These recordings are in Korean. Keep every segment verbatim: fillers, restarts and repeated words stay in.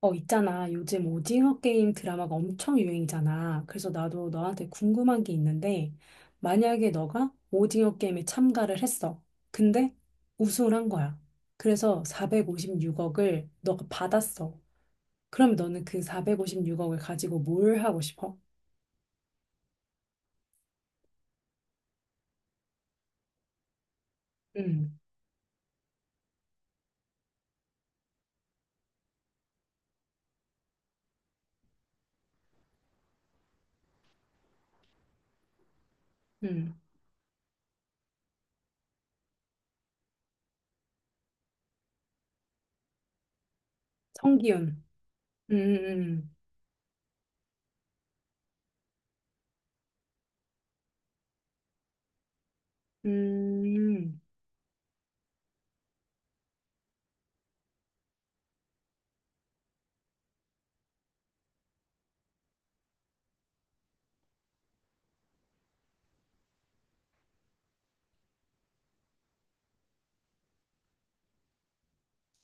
어, 있잖아. 요즘 오징어 게임 드라마가 엄청 유행이잖아. 그래서 나도 너한테 궁금한 게 있는데, 만약에 너가 오징어 게임에 참가를 했어. 근데 우승을 한 거야. 그래서 사백오십육억을 너가 받았어. 그럼 너는 그 사백오십육억을 가지고 뭘 하고 싶어? 음, 음. 성기훈. 음, 음, 음. 음,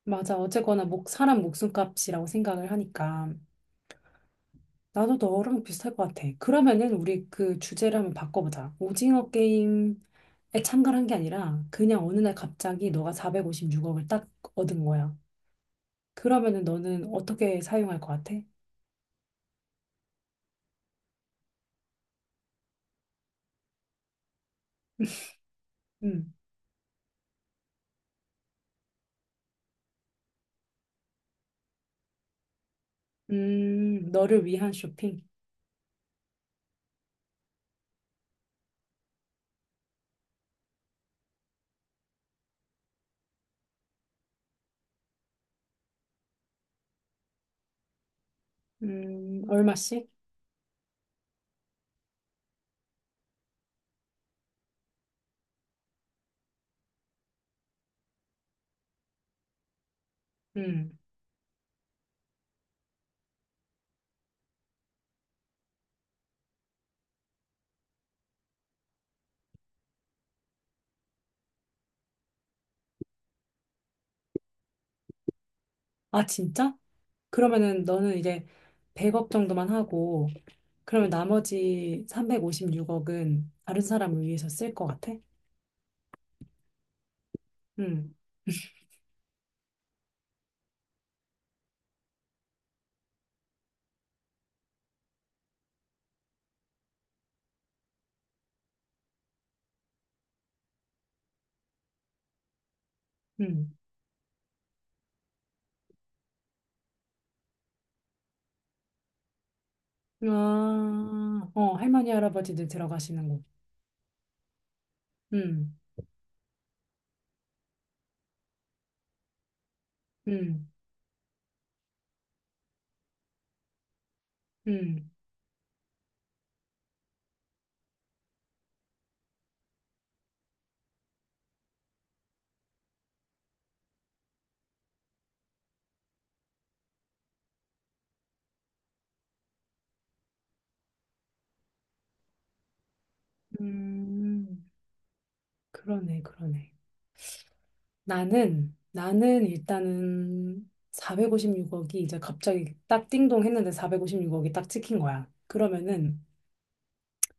맞아. 어쨌거나 목, 사람 목숨값이라고 생각을 하니까. 나도 너랑 비슷할 것 같아. 그러면은 우리 그 주제를 한번 바꿔보자. 오징어 게임에 참가를 한 게 아니라 그냥 어느 날 갑자기 너가 사백오십육억을 딱 얻은 거야. 그러면은 너는 어떻게 사용할 것 같아? 음, 음, 너를 위한 쇼핑. 음, 얼마씩? 음, 아, 진짜? 그러면은 너는 이제 백억 정도만 하고, 그러면 나머지 삼백오십육억은 다른 사람을 위해서 쓸 것 같아? 음, 음. 아, 어, 할머니, 할아버지들 들어가시는 곳. 음, 음, 음, 음, 그러네, 그러네. 나는, 나는 일단은 사백오십육억이 이제 갑자기 딱 띵동 했는데 사백오십육억이 딱 찍힌 거야. 그러면은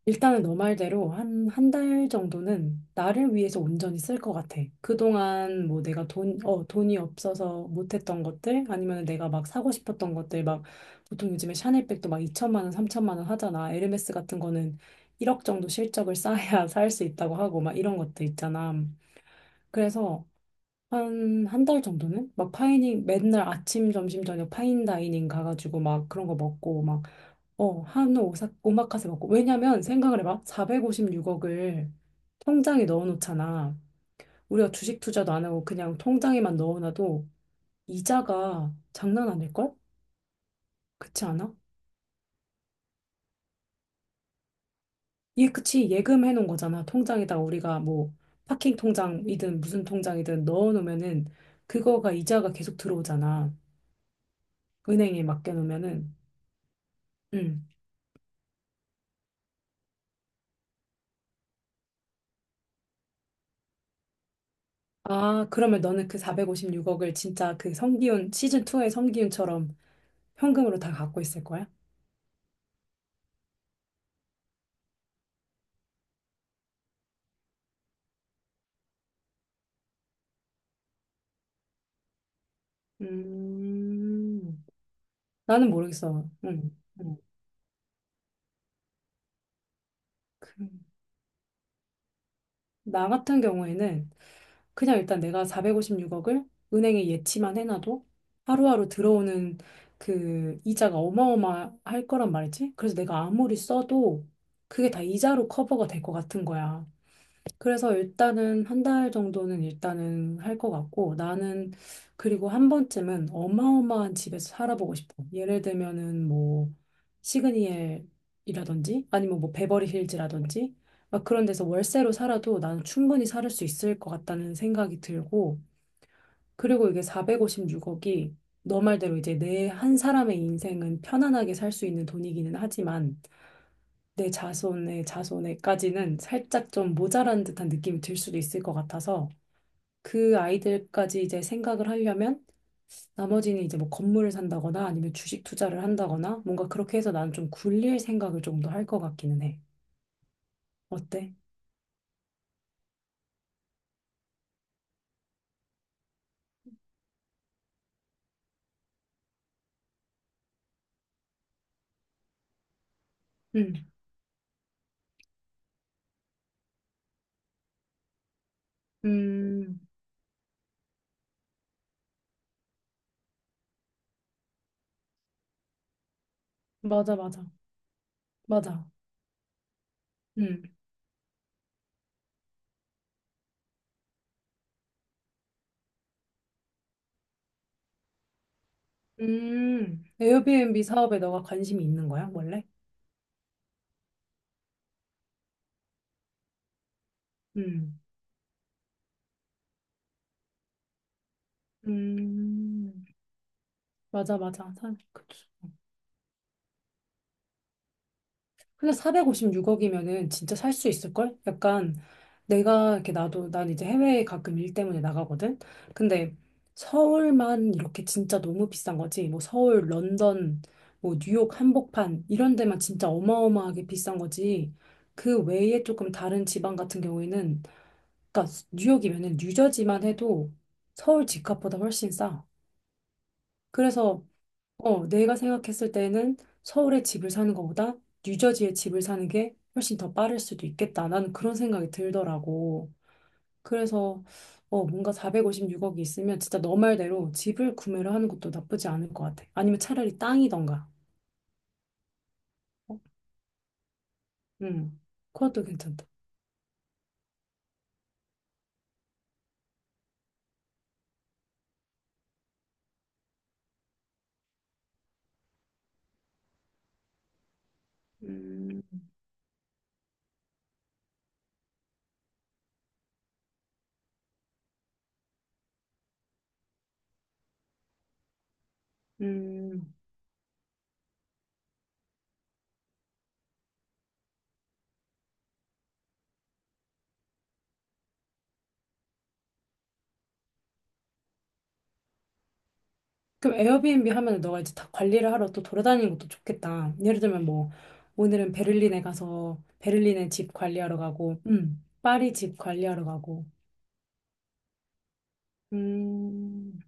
일단은 너 말대로 한, 한 달 정도는 나를 위해서 온전히 쓸 것 같아. 그동안 뭐 내가 돈, 어, 돈이 없어서 못했던 것들, 아니면 내가 막 사고 싶었던 것들, 막 보통 요즘에 샤넬백도 막 이천만 원, 삼천만 원 하잖아. 에르메스 같은 거는 일억 정도 실적을 쌓아야 살 수 있다고 하고, 막 이런 것들 있잖아. 그래서 한, 한 달 정도는? 막 파이닝, 맨날 아침, 점심, 저녁 파인다이닝 가가지고 막 그런 거 먹고, 막, 어, 한우 오사, 오마카세 먹고. 왜냐면 생각을 해봐. 사백오십육억을 통장에 넣어놓잖아. 우리가 주식 투자도 안 하고 그냥 통장에만 넣어놔도 이자가 장난 아닐걸? 그렇지 않아? 예, 그치. 예금해놓은 거잖아. 통장에다가 우리가 뭐 파킹 통장이든 무슨 통장이든 넣어놓으면은 그거가 이자가 계속 들어오잖아. 은행에 맡겨놓으면은. 응. 아, 그러면 너는 그 사백오십육억을 진짜 그 성기훈, 시즌투의 성기훈처럼 현금으로 다 갖고 있을 거야? 음, 나는 모르겠어. 응, 응. 그, 나 같은 경우에는 그냥 일단 내가 사백오십육억을 은행에 예치만 해놔도 하루하루 들어오는 그 이자가 어마어마할 거란 말이지. 그래서 내가 아무리 써도 그게 다 이자로 커버가 될 것 같은 거야. 그래서 일단은 한 달 정도는 일단은 할 것 같고 나는 그리고 한 번쯤은 어마어마한 집에서 살아보고 싶어. 예를 들면은 뭐 시그니엘이라든지 아니면 뭐 베버리 hills 라든지 막 그런 데서 월세로 살아도 나는 충분히 살 수 있을 것 같다는 생각이 들고 그리고 이게 사백오십육억이 너 말대로 이제 내 한 사람의 인생은 편안하게 살 수 있는 돈이기는 하지만 내 자손의 자손에까지는 살짝 좀 모자란 듯한 느낌이 들 수도 있을 것 같아서 그 아이들까지 이제 생각을 하려면 나머지는 이제 뭐 건물을 산다거나 아니면 주식 투자를 한다거나 뭔가 그렇게 해서 나는 좀 굴릴 생각을 좀 더 할 것 같기는 해. 어때? 음, 음, 맞아, 맞아, 맞아. 음, 음, 에어비앤비 사업에 너가 관심이 있는 거야, 원래? 음, 음, 맞아, 맞아. 사- 그치. 근데 사백오십육억이면은 진짜 살 수 있을걸? 약간 내가 이렇게 나도 난 이제 해외에 가끔 일 때문에 나가거든? 근데 서울만 이렇게 진짜 너무 비싼 거지. 뭐 서울, 런던, 뭐 뉴욕 한복판 이런 데만 진짜 어마어마하게 비싼 거지. 그 외에 조금 다른 지방 같은 경우에는 그러니까 뉴욕이면은 뉴저지만 해도 서울 집값보다 훨씬 싸. 그래서 어, 내가 생각했을 때는 서울에 집을 사는 것보다 뉴저지에 집을 사는 게 훨씬 더 빠를 수도 있겠다. 나는 그런 생각이 들더라고. 그래서 어, 뭔가 사백오십육억이 있으면 진짜 너 말대로 집을 구매를 하는 것도 나쁘지 않을 것 같아. 아니면 차라리 땅이던가. 어? 음, 그것도 괜찮다. 음, 음. 그럼 에어비앤비 하면 너가 이제 다 관리를 하러 또 돌아다니는 것도 좋겠다. 예를 들면 뭐 오늘은 베를린에 가서 베를린에 집 관리하러 가고, 음, 파리 집 관리하러 가고. 음,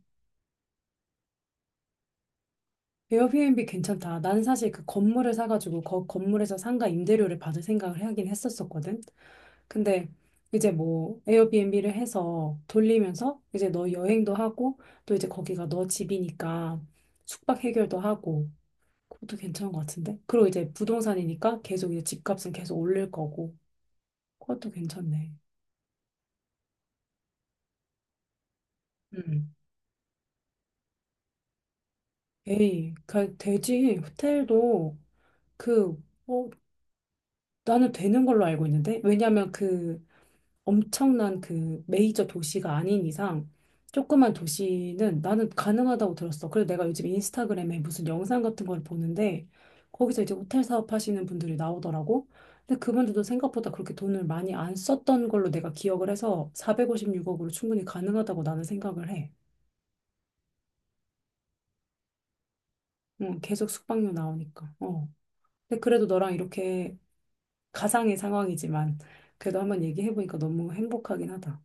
에어비앤비 괜찮다. 나는 사실 그 건물을 사가지고 그 건물에서 상가 임대료를 받을 생각을 하긴 했었었거든. 근데 이제 뭐 에어비앤비를 해서 돌리면서 이제 너 여행도 하고 또 이제 거기가 너 집이니까 숙박 해결도 하고 그것도 괜찮은 것 같은데. 그리고 이제 부동산이니까 계속 이제 집값은 계속 올릴 거고 그것도 괜찮네. 음. 에이, 그 되지. 호텔도 그 어, 나는 되는 걸로 알고 있는데 왜냐면 그 엄청난 그 메이저 도시가 아닌 이상 조그만 도시는 나는 가능하다고 들었어. 그래서 내가 요즘 인스타그램에 무슨 영상 같은 걸 보는데 거기서 이제 호텔 사업 하시는 분들이 나오더라고. 근데 그분들도 생각보다 그렇게 돈을 많이 안 썼던 걸로 내가 기억을 해서 사백오십육억으로 충분히 가능하다고 나는 생각을 해. 응, 계속 숙박료 나오니까. 어. 근데 그래도 너랑 이렇게 가상의 상황이지만 그래도 한번 얘기해보니까 너무 행복하긴 하다.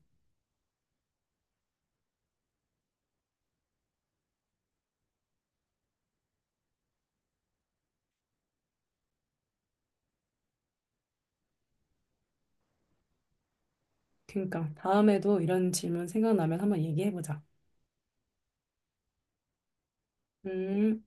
그러니까 다음에도 이런 질문 생각나면 한번 얘기해보자. 음.